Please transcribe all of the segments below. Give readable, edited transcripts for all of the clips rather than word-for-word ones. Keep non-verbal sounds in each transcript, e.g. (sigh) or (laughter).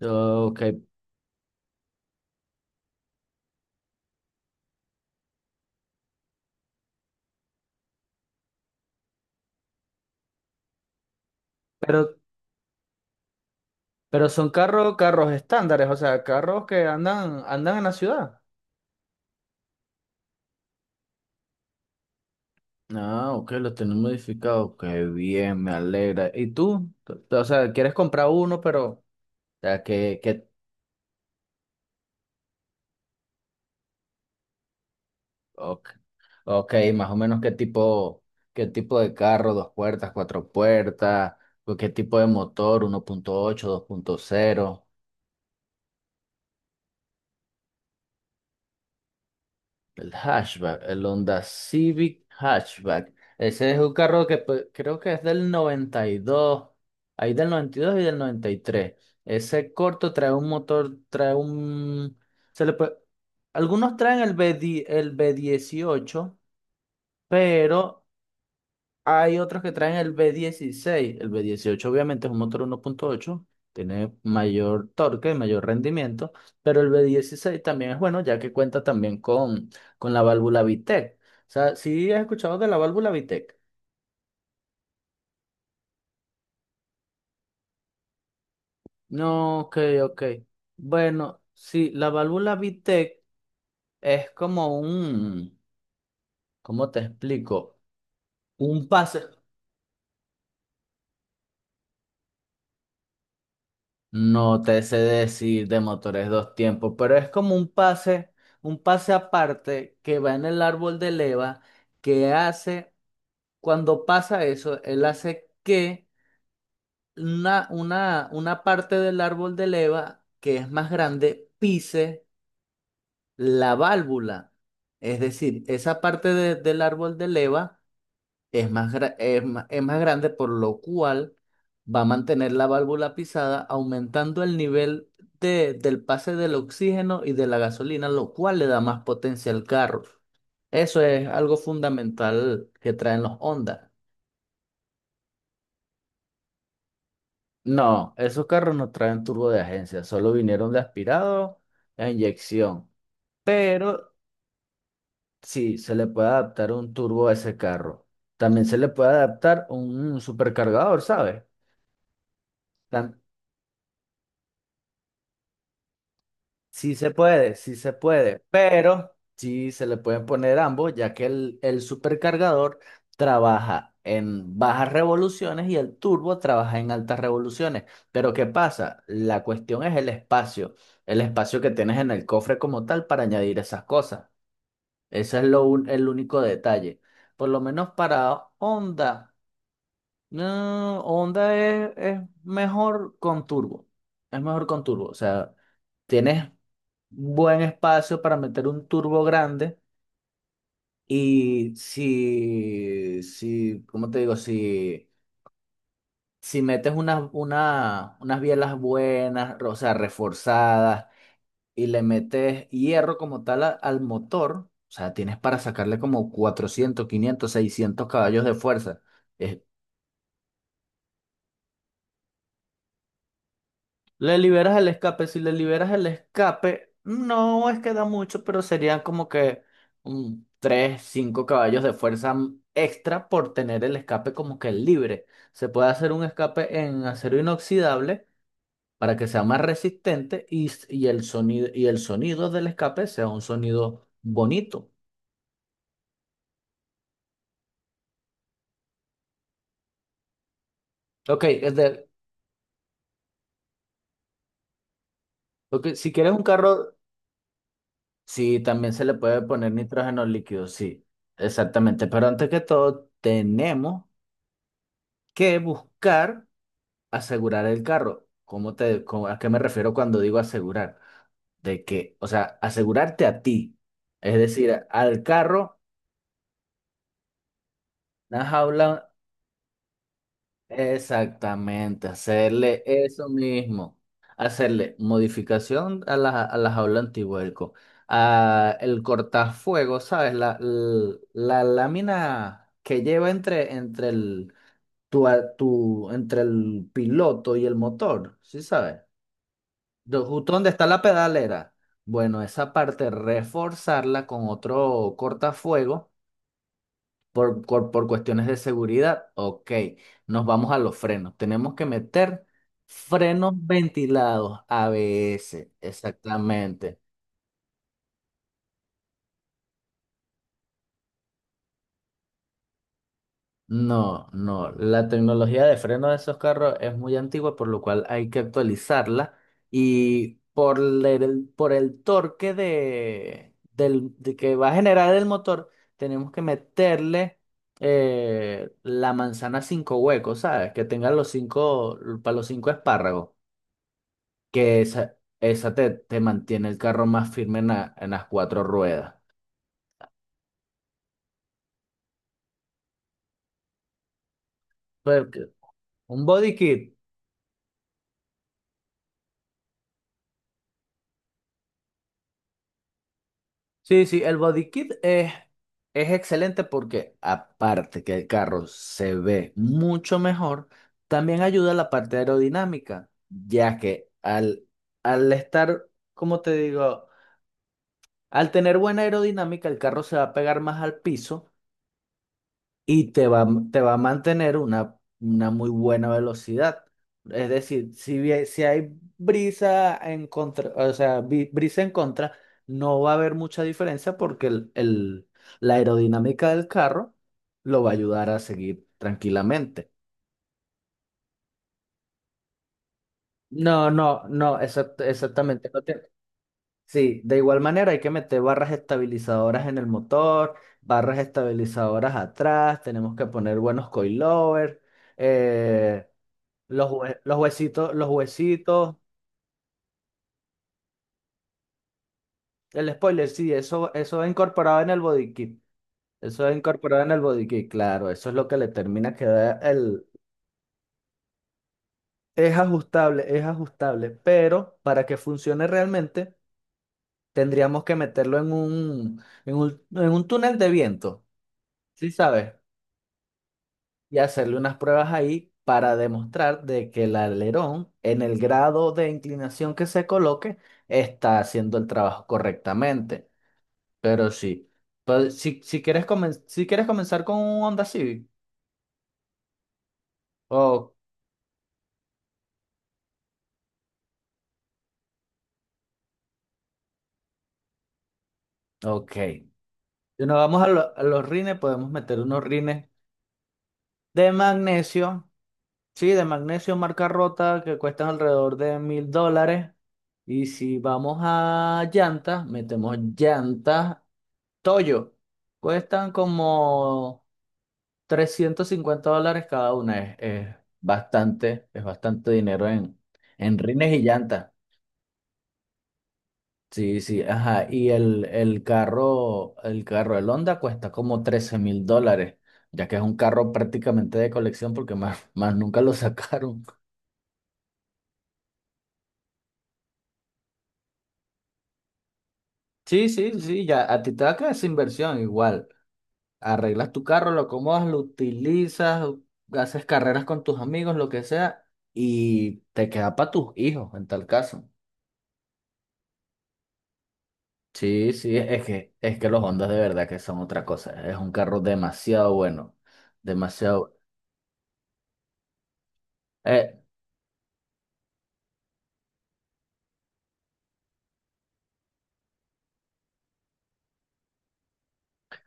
Ok, pero, pero son carros estándares, o sea, carros que andan en la ciudad. Ah, ok, lo tienen modificado. Qué bien, me alegra. ¿Y tú? O sea, quieres comprar uno, pero, o sea, ok, ok, más o menos qué tipo de carro, dos puertas, cuatro puertas, o qué tipo de motor, ¿1.8, 2.0? El hatchback, el Honda Civic Hatchback. Ese es un carro que, pues, creo que es del 92. Hay del 92 y del 93. Ese corto trae un motor, Se le puede- Algunos traen el b dieciocho, pero hay otros que traen el V16. El V18, obviamente, es un motor 1.8, tiene mayor torque, mayor rendimiento, pero el V16 también es bueno ya que cuenta también con la válvula VTEC. O sea, ¿sí has escuchado de la válvula VTEC? No, ok, ok. Bueno, sí, la válvula VTEC es como un, ¿cómo te explico? Un pase. No te sé decir de motores dos tiempos, pero es como un pase aparte que va en el árbol de leva, que hace, cuando pasa eso, él hace que una parte del árbol de leva que es más grande pise la válvula. Es decir, esa parte del árbol de leva es más grande, por lo cual va a mantener la válvula pisada, aumentando el nivel del pase del oxígeno y de la gasolina, lo cual le da más potencia al carro. Eso es algo fundamental que traen los Honda. No, esos carros no traen turbo de agencia, solo vinieron de aspirado a inyección. Pero sí, se le puede adaptar un turbo a ese carro. También se le puede adaptar un supercargador, ¿sabes? Sí se puede, pero sí se le pueden poner ambos, ya que el supercargador trabaja en bajas revoluciones y el turbo trabaja en altas revoluciones. Pero, ¿qué pasa? La cuestión es el espacio que tienes en el cofre como tal para añadir esas cosas. Ese es el único detalle. Por lo menos para Honda. No, Honda es mejor con turbo. Es mejor con turbo. O sea, tienes buen espacio para meter un turbo grande. Y ¿cómo te digo? Si, si metes unas bielas buenas, o sea, reforzadas, y le metes hierro como tal al motor, o sea, tienes para sacarle como 400 500 600 caballos de fuerza. Es Le liberas el escape. Si le liberas el escape, no es que da mucho, pero serían como que un 3 5 caballos de fuerza extra por tener el escape como que libre. Se puede hacer un escape en acero inoxidable para que sea más resistente y el sonido, y el sonido del escape sea un sonido bonito. Ok, ok, si quieres un carro, sí, también se le puede poner nitrógeno líquido, sí, exactamente. Pero antes que todo, tenemos que buscar asegurar el carro. ¿A qué me refiero cuando digo asegurar? De que, o sea, asegurarte a ti, es decir, al carro, una jaula, exactamente, hacerle eso mismo, hacerle modificación a la jaula antivuelco, a el cortafuego, ¿sabes? La lámina que lleva entre, entre el, tu, a- tu, entre el piloto y el motor, ¿sí sabes? Justo donde está la pedalera. Bueno, esa parte reforzarla con otro cortafuego por cuestiones de seguridad. Ok, nos vamos a los frenos. Tenemos que meter frenos ventilados, ABS, exactamente. No, no. La tecnología de freno de esos carros es muy antigua, por lo cual hay que actualizarla. Y por el torque de que va a generar el motor, tenemos que meterle la manzana cinco huecos, ¿sabes? Que tenga los cinco, para los cinco espárragos. Que esa te mantiene el carro más firme en las cuatro ruedas. Porque un body kit. Sí, sí, el body kit es excelente porque, aparte que el carro se ve mucho mejor, también ayuda a la parte aerodinámica, ya que al estar, como te digo, al tener buena aerodinámica, el carro se va a pegar más al piso y te va a mantener una muy buena velocidad. Es decir, si hay brisa en contra, o sea, brisa en contra, no va a haber mucha diferencia porque la aerodinámica del carro lo va a ayudar a seguir tranquilamente. No, no, no, exactamente. No tiene- Sí, de igual manera hay que meter barras estabilizadoras en el motor, barras estabilizadoras atrás, tenemos que poner buenos coilovers. eh, los huesitos, los huesitos, el spoiler, sí, eso es incorporado en el body kit. Eso es incorporado en el body kit, claro, eso es lo que le termina que dar el... es ajustable, pero para que funcione realmente tendríamos que meterlo en un túnel de viento, ¿sí sabes? Y hacerle unas pruebas ahí para demostrar de que el alerón en el grado de inclinación que se coloque está haciendo el trabajo correctamente. Pero sí. Pues, si quieres comenzar con un Honda Civic. Oh, ok. Si nos vamos a los rines, podemos meter unos rines de magnesio. Sí, de magnesio marca rota que cuestan alrededor de $1,000. Y si vamos a llantas, metemos llantas Toyo. Cuestan como $350 cada una. Es bastante dinero en rines y llantas. Sí, sí, ajá. Y el Honda cuesta como $13,000, ya que es un carro prácticamente de colección porque más, (laughs) más nunca lo sacaron. Sí, sí, sí, ya a ti te va a quedar esa inversión igual. Arreglas tu carro, lo acomodas, lo utilizas, haces carreras con tus amigos, lo que sea, y te queda para tus hijos en tal caso. Sí, sí, es que los Hondas de verdad que son otra cosa. Es un carro demasiado bueno, demasiado. Eh,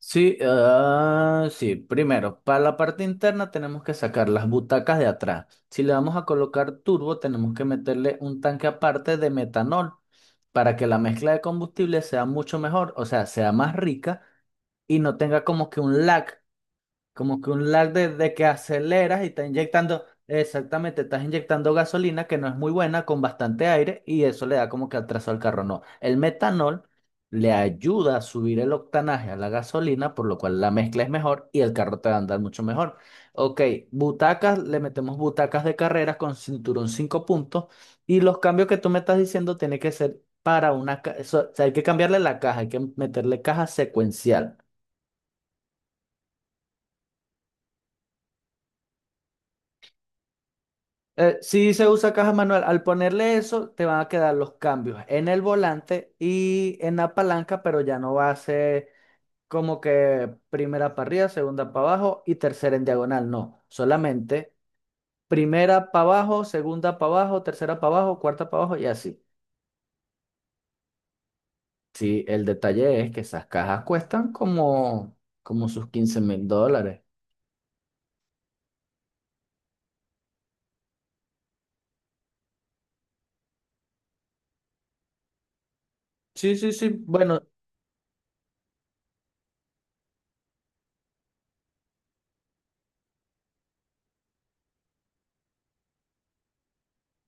Sí, ah, sí. Primero, para la parte interna tenemos que sacar las butacas de atrás. Si le vamos a colocar turbo, tenemos que meterle un tanque aparte de metanol para que la mezcla de combustible sea mucho mejor, o sea, sea más rica y no tenga como que un lag, como que un lag de que aceleras y está inyectando, exactamente, estás inyectando gasolina que no es muy buena con bastante aire y eso le da como que atraso al carro. No, el metanol le ayuda a subir el octanaje a la gasolina, por lo cual la mezcla es mejor y el carro te va a andar mucho mejor. Ok, butacas, le metemos butacas de carreras con cinturón 5 puntos y los cambios que tú me estás diciendo tienen que ser para una... o sea, hay que cambiarle la caja, hay que meterle caja secuencial. Sí se usa caja manual. Al ponerle eso, te van a quedar los cambios en el volante y en la palanca, pero ya no va a ser como que primera para arriba, segunda para abajo y tercera en diagonal. No, solamente primera para abajo, segunda para abajo, tercera para abajo, cuarta para abajo y así. Sí, el detalle es que esas cajas cuestan como, como sus $15,000. Sí, sí, sí. Bueno,